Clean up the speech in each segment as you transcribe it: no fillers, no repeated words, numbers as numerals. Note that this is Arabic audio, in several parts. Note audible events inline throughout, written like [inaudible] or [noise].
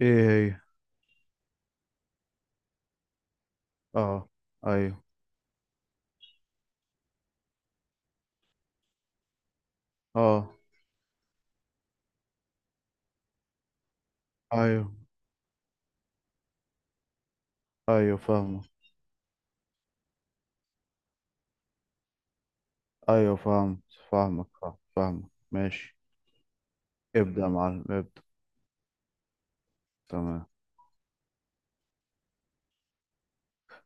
ايه هي؟ اه. ايوه. اه. ايوه. ايوه فاهمك. ايوه فاهمك. ماشي. ابدأ يا معلم، ابدأ. تمام.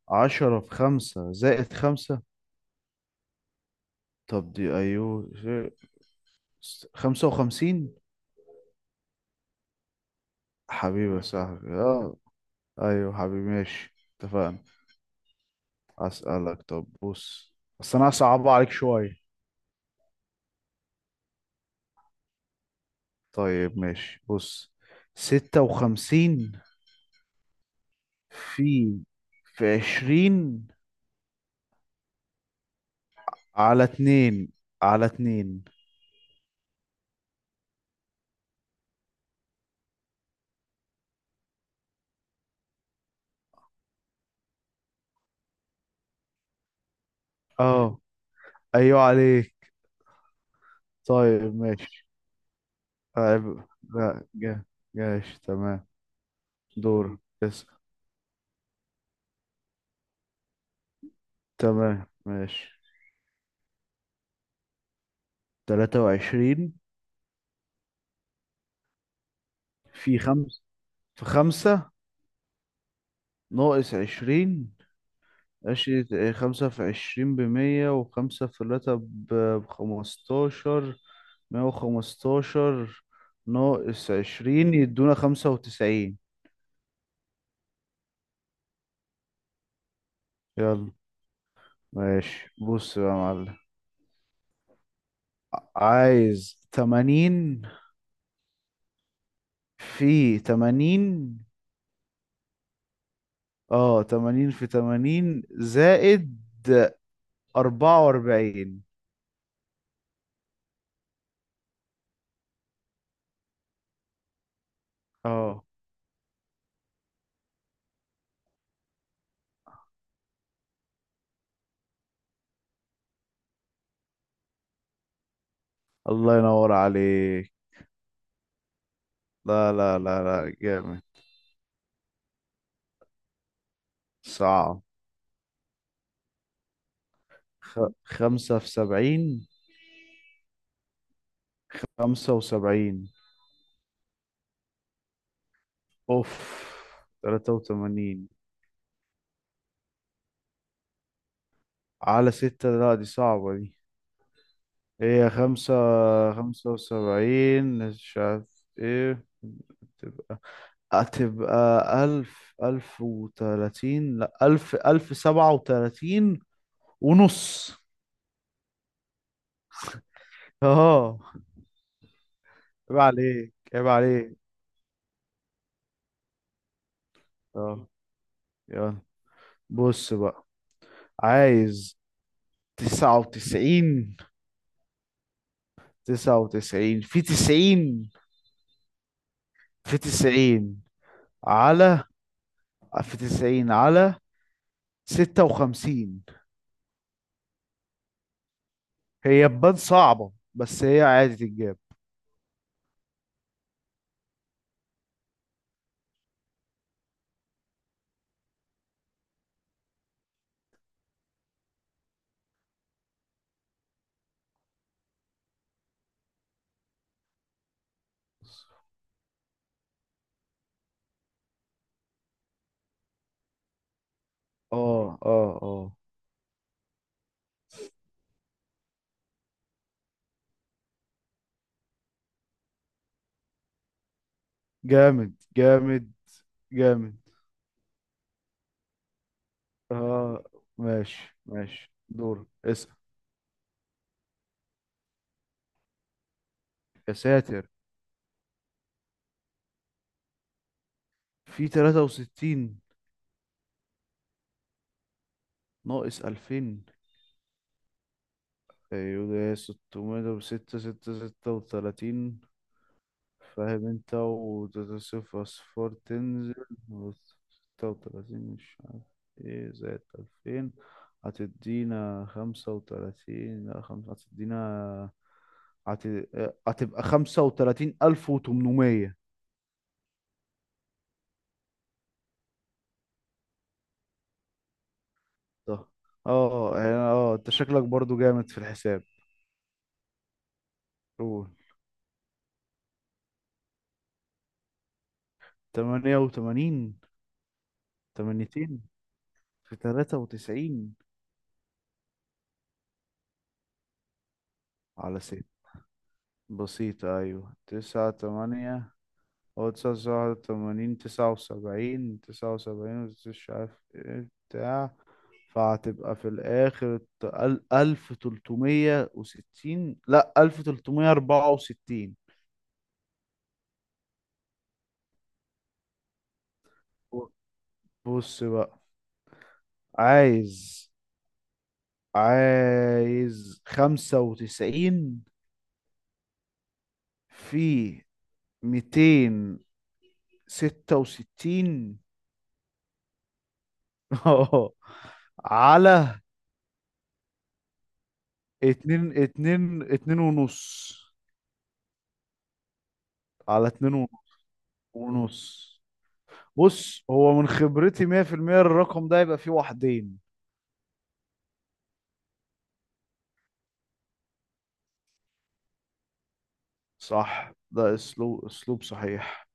10 في خمسة زائد خمسة. طب دي ايوه 55. حبيبي يا صاحبي، اه. ايوه حبيبي، ماشي. اتفقنا. اسألك، طب بص. بس انا هصعبها عليك شوية. طيب ماشي، بص. 56 في في 20، على اتنين، على اتنين. اه، ايوه عليك. طيب ماشي. عيب. لا جاش. تمام. دور، اسأل. تمام ماشي. 23. في خمس في خمسة، ناقص عشرين. عشرة، خمسة في عشرين بمية، وخمسة في تلاتة بخمستاشر. مية وخمستاشر، ناقص عشرين يدونا 95. يلا. ماشي، بص بقى يا معلم. عايز 80 في 80، اه 80 في 80 زائد 44. اه، الله ينور عليك. لا لا لا لا، جامد. صعب. خمسة في سبعين. 75، أوف، 83، على ستة. لا، دي صعبة دي. هي خمسة. خمسة وسبعين، مش عارف ايه. تبقى هتبقى ألف، ألف وتلاتين، لأ ألف، ألف سبعة وتلاتين ونص. اه، عيب عليك، عيب عليك، اه. يلا، بص بقى. عايز تسعة وتسعين تسعة وتسعين في تسعين على في تسعين على ستة وخمسين. هي تبان صعبة بس هي عادي تتجاب. اه، اه، اه، جامد جامد جامد. اه، ماشي ماشي. دور، اسأل. يا ساتر. في 63، ناقص 20. ايوه، 606، 636. فاهم انت؟ و صفر، اصفار تنزل، و 36 مش عارف ايه، زائد 2000 هتدينا 35، لا خمسة هتدينا، هت... هتبقى 35800. صح. اه، يعني، انت شكلك برضو جامد في الحساب. قول. 88. 82 في 93، على ست. بسيطة، أيوة. تسعة تمانية. هو تسعة، واحد وتمانين، تسعة وسبعين، تسعة وسبعين، مش عارف ايه بتاع. فهتبقى في الآخر ألف تلتمية وستين، لأ ألف تلتمية أربعة وستين. بص بقى، عايز عايز خمسة وتسعين في 266، اه، [laughs] على اتنين ونص، على اتنين ونص. بص، هو من خبرتي 100%، الرقم ده يبقى فيه واحدين. صح، ده اسلوب صحيح.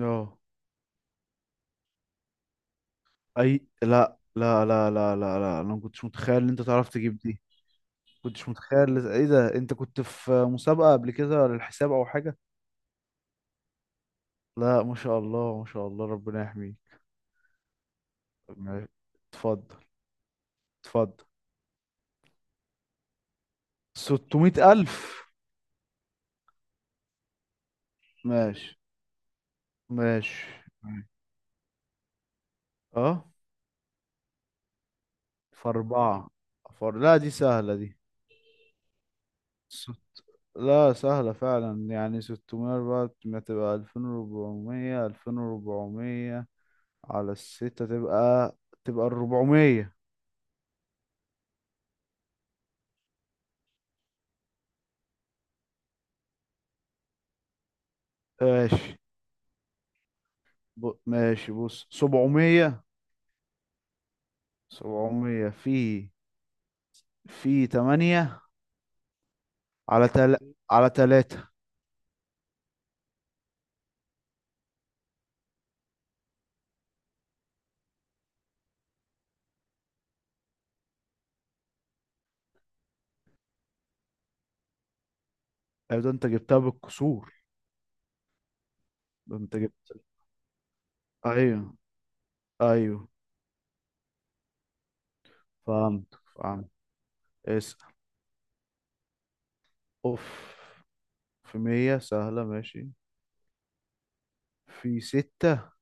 اه. اي، لا لا لا لا لا لا، انا ما كنتش متخيل ان انت تعرف تجيب دي. كنتش متخيل، ايه ده، انت كنت في مسابقة قبل كده للحساب او حاجة؟ لا، ما شاء الله، ما شاء الله، ربنا يحميك. ماشي. اتفضل، اتفضل. 600 ألف. ماشي ماشي. ماشي. اه، في أربعة. لا، دي سهلة دي. س- لا، سهلة فعلا، يعني 600 بقى، تبقى 2400. 2400 على الستة، تبقى، تبقى 400. ماشي. ماشي، بص، 700. 700 في 8، على تل... على 3. ايوه، ده انت جبتها بالكسور. ده انت جبت. ايوه. ايوه، فهمت فهمت. اسأل. اوف. في مية، سهلة ماشي. في ستة،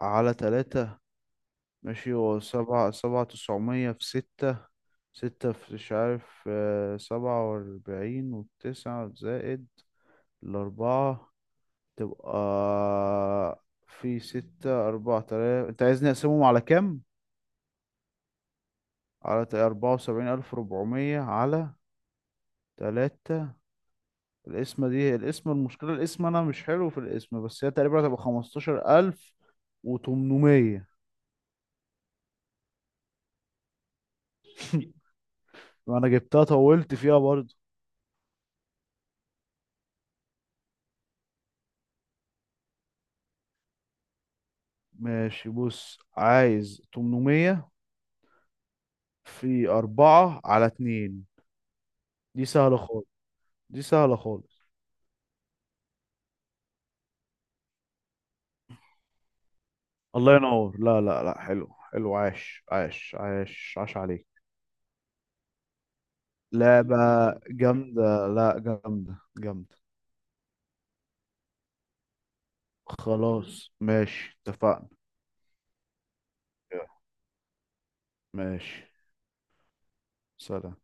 على تلاتة. ماشي. هو سبعة، سبعة تسعمية في ستة، ستة في مش عارف، آه، سبعة وأربعين وتسعة، زائد الأربعة، تبقى في ستة، أربعة تلاتة. أنت عايزني أقسمهم على كام؟ على أربعة وسبعين ألف ربعمية، على تلاتة. الاسم دي، الاسم المشكلة الاسم، أنا مش حلو في الاسم، بس هي تقريبا هتبقى 15800. [laughs] وأنا جبتها، طولت فيها برضو. ماشي بص، عايز تمنمية في أربعة، على اتنين. دي سهلة خالص. دي سهلة خالص. الله ينور. لا لا لا، حلو حلو، عاش عاش عاش عاش عليك. لعبة جامدة، لا، جامدة جامدة. خلاص ماشي، اتفقنا. ماشي. سلام.